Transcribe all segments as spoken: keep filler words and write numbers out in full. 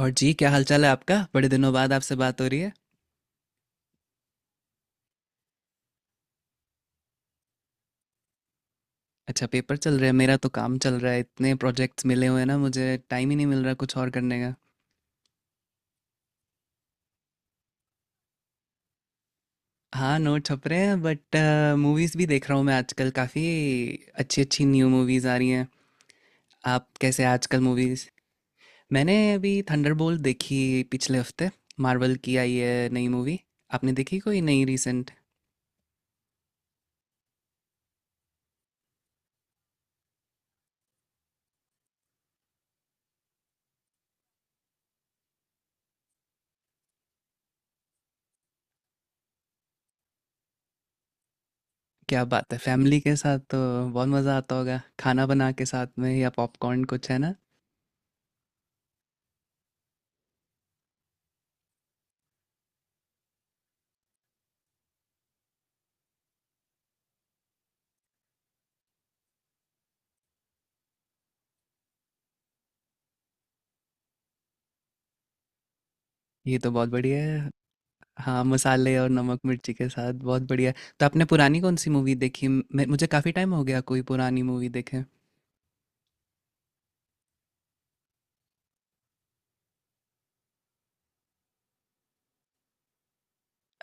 और जी क्या हालचाल है आपका। बड़े दिनों बाद आपसे बात हो रही है। अच्छा पेपर चल रहे हैं। मेरा तो काम चल रहा है, इतने प्रोजेक्ट्स मिले हुए हैं ना, मुझे टाइम ही नहीं मिल रहा कुछ और करने का। हाँ नोट छप रहे हैं, बट मूवीज़ भी देख रहा हूँ मैं आजकल काफ़ी। अच्छी अच्छी न्यू मूवीज़ आ रही हैं। आप कैसे हैं आजकल? मूवीज़ मैंने अभी थंडरबोल्ट देखी पिछले हफ्ते। मार्वल की आई है नई मूवी। आपने देखी कोई नई रिसेंट? क्या बात है, फैमिली के साथ तो बहुत मज़ा आता होगा। खाना बना के साथ में या पॉपकॉर्न कुछ है ना? ये तो बहुत बढ़िया है। हाँ मसाले और नमक मिर्ची के साथ बहुत बढ़िया। तो आपने पुरानी कौन सी मूवी देखी? मैं मुझे काफ़ी टाइम हो गया कोई पुरानी मूवी देखे।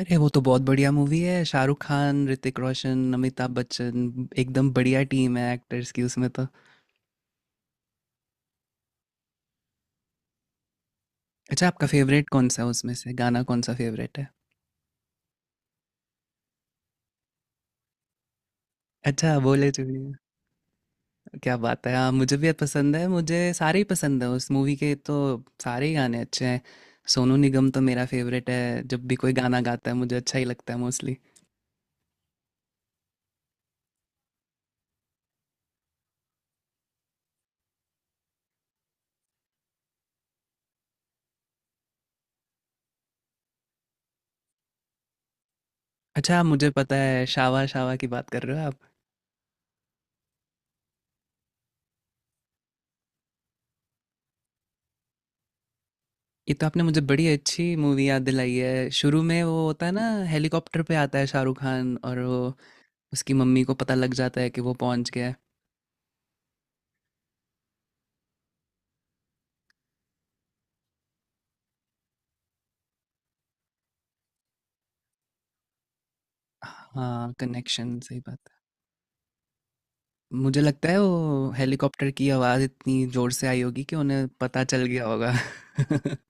अरे वो तो बहुत बढ़िया मूवी है। शाहरुख खान, ऋतिक रोशन, अमिताभ बच्चन, एकदम बढ़िया टीम है एक्टर्स की उसमें तो। अच्छा आपका फेवरेट कौन सा है उसमें से, गाना कौन सा फेवरेट है? अच्छा, बोले चुड़िया। क्या बात है, हाँ मुझे भी पसंद है। मुझे सारे ही पसंद है उस मूवी के तो। सारे ही गाने अच्छे हैं। सोनू निगम तो मेरा फेवरेट है, जब भी कोई गाना गाता है मुझे अच्छा ही लगता है मोस्टली। अच्छा, मुझे पता है, शावा शावा की बात कर रहे हो आप। ये तो आपने मुझे बड़ी अच्छी मूवी याद दिलाई है। शुरू में वो होता है ना, हेलीकॉप्टर पे आता है शाहरुख खान और वो, उसकी मम्मी को पता लग जाता है कि वो पहुंच गया है। हाँ, कनेक्शन, सही बात है। मुझे लगता है वो हेलीकॉप्टर की आवाज़ इतनी ज़ोर से आई होगी कि उन्हें पता चल गया होगा।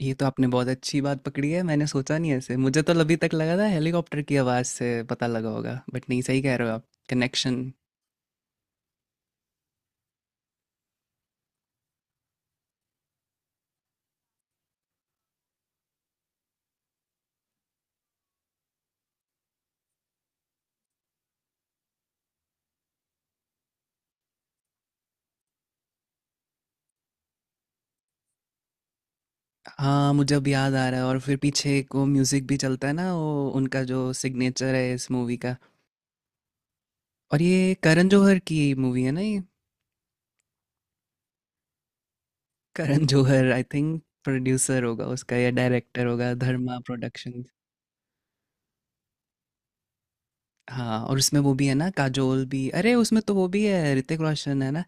ये तो आपने बहुत अच्छी बात पकड़ी है, मैंने सोचा नहीं ऐसे। मुझे तो अभी तक लगा था हेलीकॉप्टर की आवाज़ से पता लगा होगा, बट नहीं, सही कह रहे हो आप, कनेक्शन। हाँ मुझे अब याद आ रहा है। और फिर पीछे एक वो म्यूजिक भी चलता है ना, वो उनका जो सिग्नेचर है इस मूवी का। और ये करण जौहर की मूवी है ना ये? Karan Johar I think producer होगा उसका या डायरेक्टर होगा, धर्मा प्रोडक्शन। हाँ और उसमें वो भी है ना, काजोल भी। अरे उसमें तो वो भी है, ऋतिक रोशन है ना।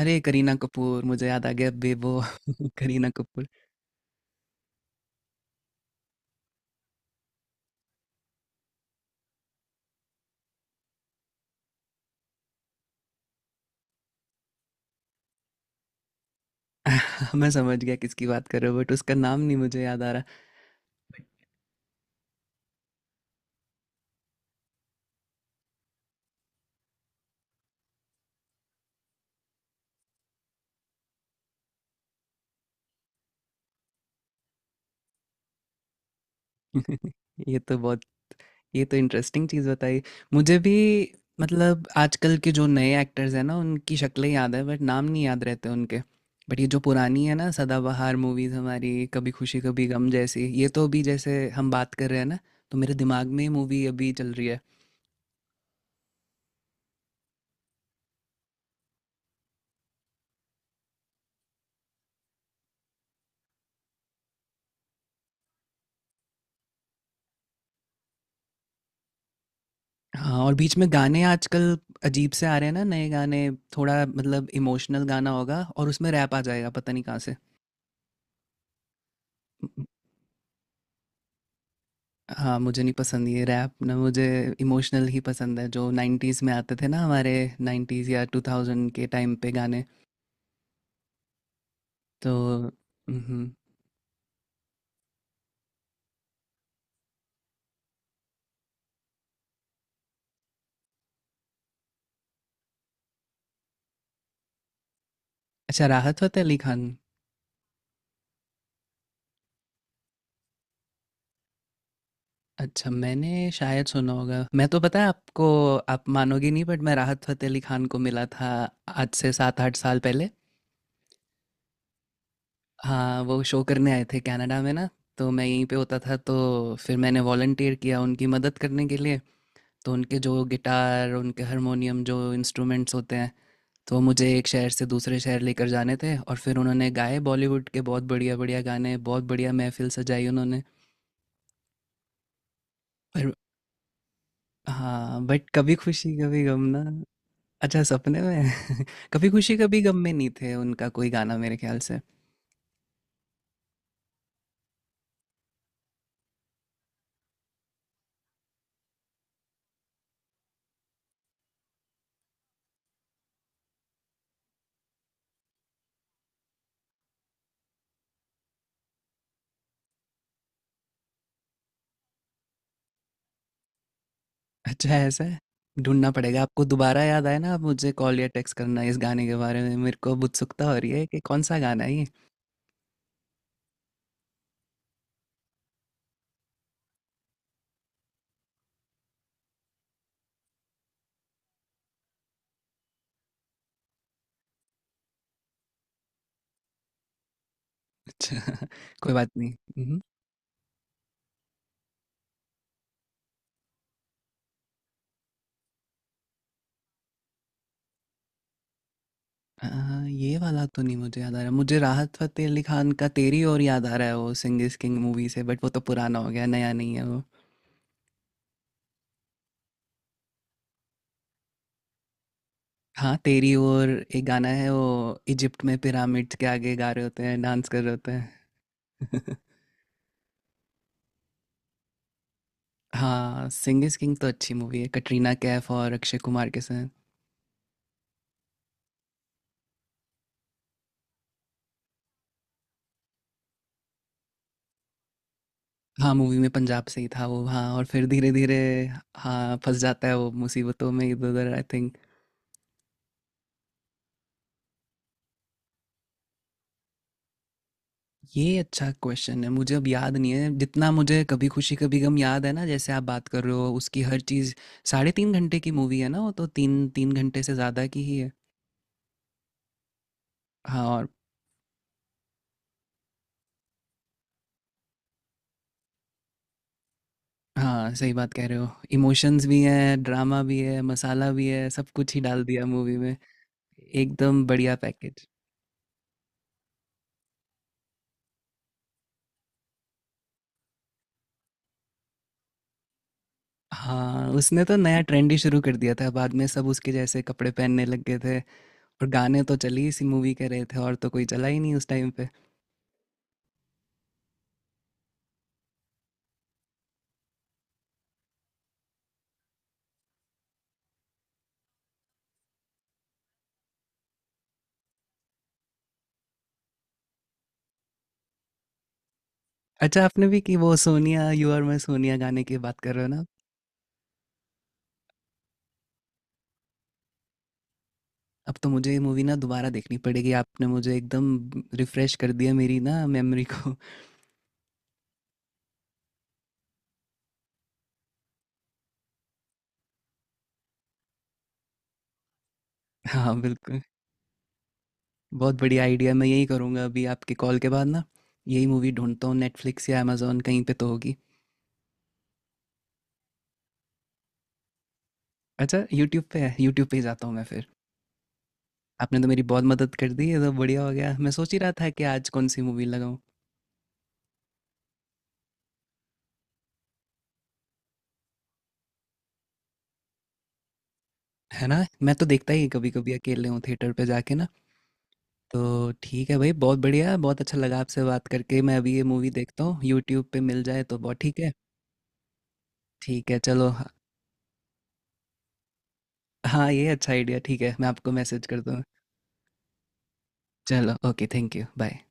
अरे करीना कपूर, मुझे याद आ गया, बेबो। करीना कपूर। मैं समझ गया किसकी बात कर रहे हो, बट उसका नाम नहीं मुझे याद आ रहा। ये तो बहुत, ये तो इंटरेस्टिंग चीज़ बताई। मुझे भी, मतलब आजकल के जो नए एक्टर्स हैं ना, उनकी शक्लें याद है बट नाम नहीं याद रहते उनके। बट ये जो पुरानी है ना सदाबहार मूवीज़ हमारी, कभी खुशी कभी गम जैसी, ये तो अभी जैसे हम बात कर रहे हैं ना, तो मेरे दिमाग में ये मूवी अभी चल रही है। हाँ, और बीच में गाने आजकल अजीब से आ रहे हैं ना नए गाने, थोड़ा मतलब इमोशनल गाना होगा और उसमें रैप आ जाएगा पता नहीं कहाँ से। हाँ, मुझे नहीं पसंद ये रैप ना। मुझे इमोशनल ही पसंद है जो नाइंटीज़ में आते थे ना हमारे, नाइंटीज़ या दो हज़ार के टाइम पे गाने तो। हम्म। अच्छा, राहत फ़तेह अली खान। अच्छा मैंने शायद सुना होगा। मैं तो, पता है आपको, आप मानोगे नहीं बट मैं राहत फ़तेह अली खान को मिला था आज से सात आठ साल पहले। हाँ वो शो करने आए थे कनाडा में ना, तो मैं यहीं पे होता था तो फिर मैंने वॉलंटियर किया उनकी मदद करने के लिए। तो उनके जो गिटार, उनके हारमोनियम, जो इंस्ट्रूमेंट्स होते हैं, तो मुझे एक शहर से दूसरे शहर लेकर जाने थे। और फिर उन्होंने गाए बॉलीवुड के बहुत बढ़िया बढ़िया गाने, बहुत बढ़िया महफिल सजाई उन्होंने। पर, हाँ बट कभी खुशी कभी गम ना। अच्छा सपने में। कभी खुशी कभी गम में नहीं थे उनका कोई गाना मेरे ख्याल से। अच्छा ऐसा है। ढूंढना पड़ेगा आपको, दोबारा याद आए ना आप मुझे कॉल या टेक्स्ट करना इस गाने के बारे में, मेरे को अब उत्सुकता हो रही है कि कौन सा गाना है ये। अच्छा। कोई बात नहीं। हम्म। अ, ये वाला तो नहीं मुझे याद आ रहा। मुझे राहत फ़तेह अली खान का तेरी ओर याद आ रहा है, वो सिंह इज़ किंग मूवी से, बट वो तो पुराना हो गया, नया नहीं है वो। हाँ, तेरी ओर एक गाना है वो, इजिप्ट में पिरामिड्स के आगे गा रहे होते हैं, डांस कर रहे होते हैं। हाँ, सिंह इज़ किंग तो अच्छी मूवी है, कटरीना कैफ और अक्षय कुमार के साथ। हाँ, मूवी में पंजाब से ही था वो। हाँ और फिर धीरे-धीरे, हाँ, फँस जाता है वो मुसीबतों में इधर-उधर आई थिंक। ये अच्छा क्वेश्चन है, मुझे अब याद नहीं है। जितना मुझे कभी खुशी कभी गम याद है ना, जैसे आप बात कर रहे हो उसकी हर चीज़। साढ़े तीन घंटे की मूवी है ना वो, तो तीन तीन घंटे से ज़्यादा की ही है। हाँ और, हाँ सही बात कह रहे हो। इमोशंस भी हैं, ड्रामा भी है, मसाला भी है, सब कुछ ही डाल दिया मूवी में। एकदम बढ़िया पैकेज। हाँ उसने तो नया ट्रेंड ही शुरू कर दिया था, बाद में सब उसके जैसे कपड़े पहनने लग गए थे। और गाने तो चल ही इसी मूवी के रहे थे, और तो कोई चला ही नहीं उस टाइम। अच्छा, आपने भी? कि वो सोनिया यू और मैं सोनिया गाने की बात कर रहे हो ना? अब तो मुझे ये मूवी ना दोबारा देखनी पड़ेगी। आपने मुझे एकदम रिफ्रेश कर दिया मेरी ना मेमोरी को। हाँ, बिल्कुल। बहुत बढ़िया आइडिया, मैं यही करूँगा अभी आपके कॉल के बाद ना, यही मूवी ढूँढता हूँ, नेटफ्लिक्स या अमेज़न कहीं पे तो होगी। अच्छा यूट्यूब पे है, यूट्यूब पे ही जाता हूँ मैं फिर। आपने तो मेरी बहुत मदद कर दी, ये तो बढ़िया हो गया। मैं सोच ही रहा था कि आज कौन-सी मूवी लगाऊँ। है ना? मैं तो देखता ही कभी-कभी अकेले हूँ, थिएटर पे जाके ना। तो ठीक है भाई, बहुत बढ़िया, बहुत अच्छा लगा आपसे बात करके। मैं अभी ये मूवी देखता हूँ यूट्यूब पे, मिल जाए तो बहुत ठीक है। ठीक है चलो हाँ। हाँ, ये अच्छा आइडिया, ठीक है मैं आपको मैसेज कर दूंगा। चलो, ओके, थैंक यू, बाय।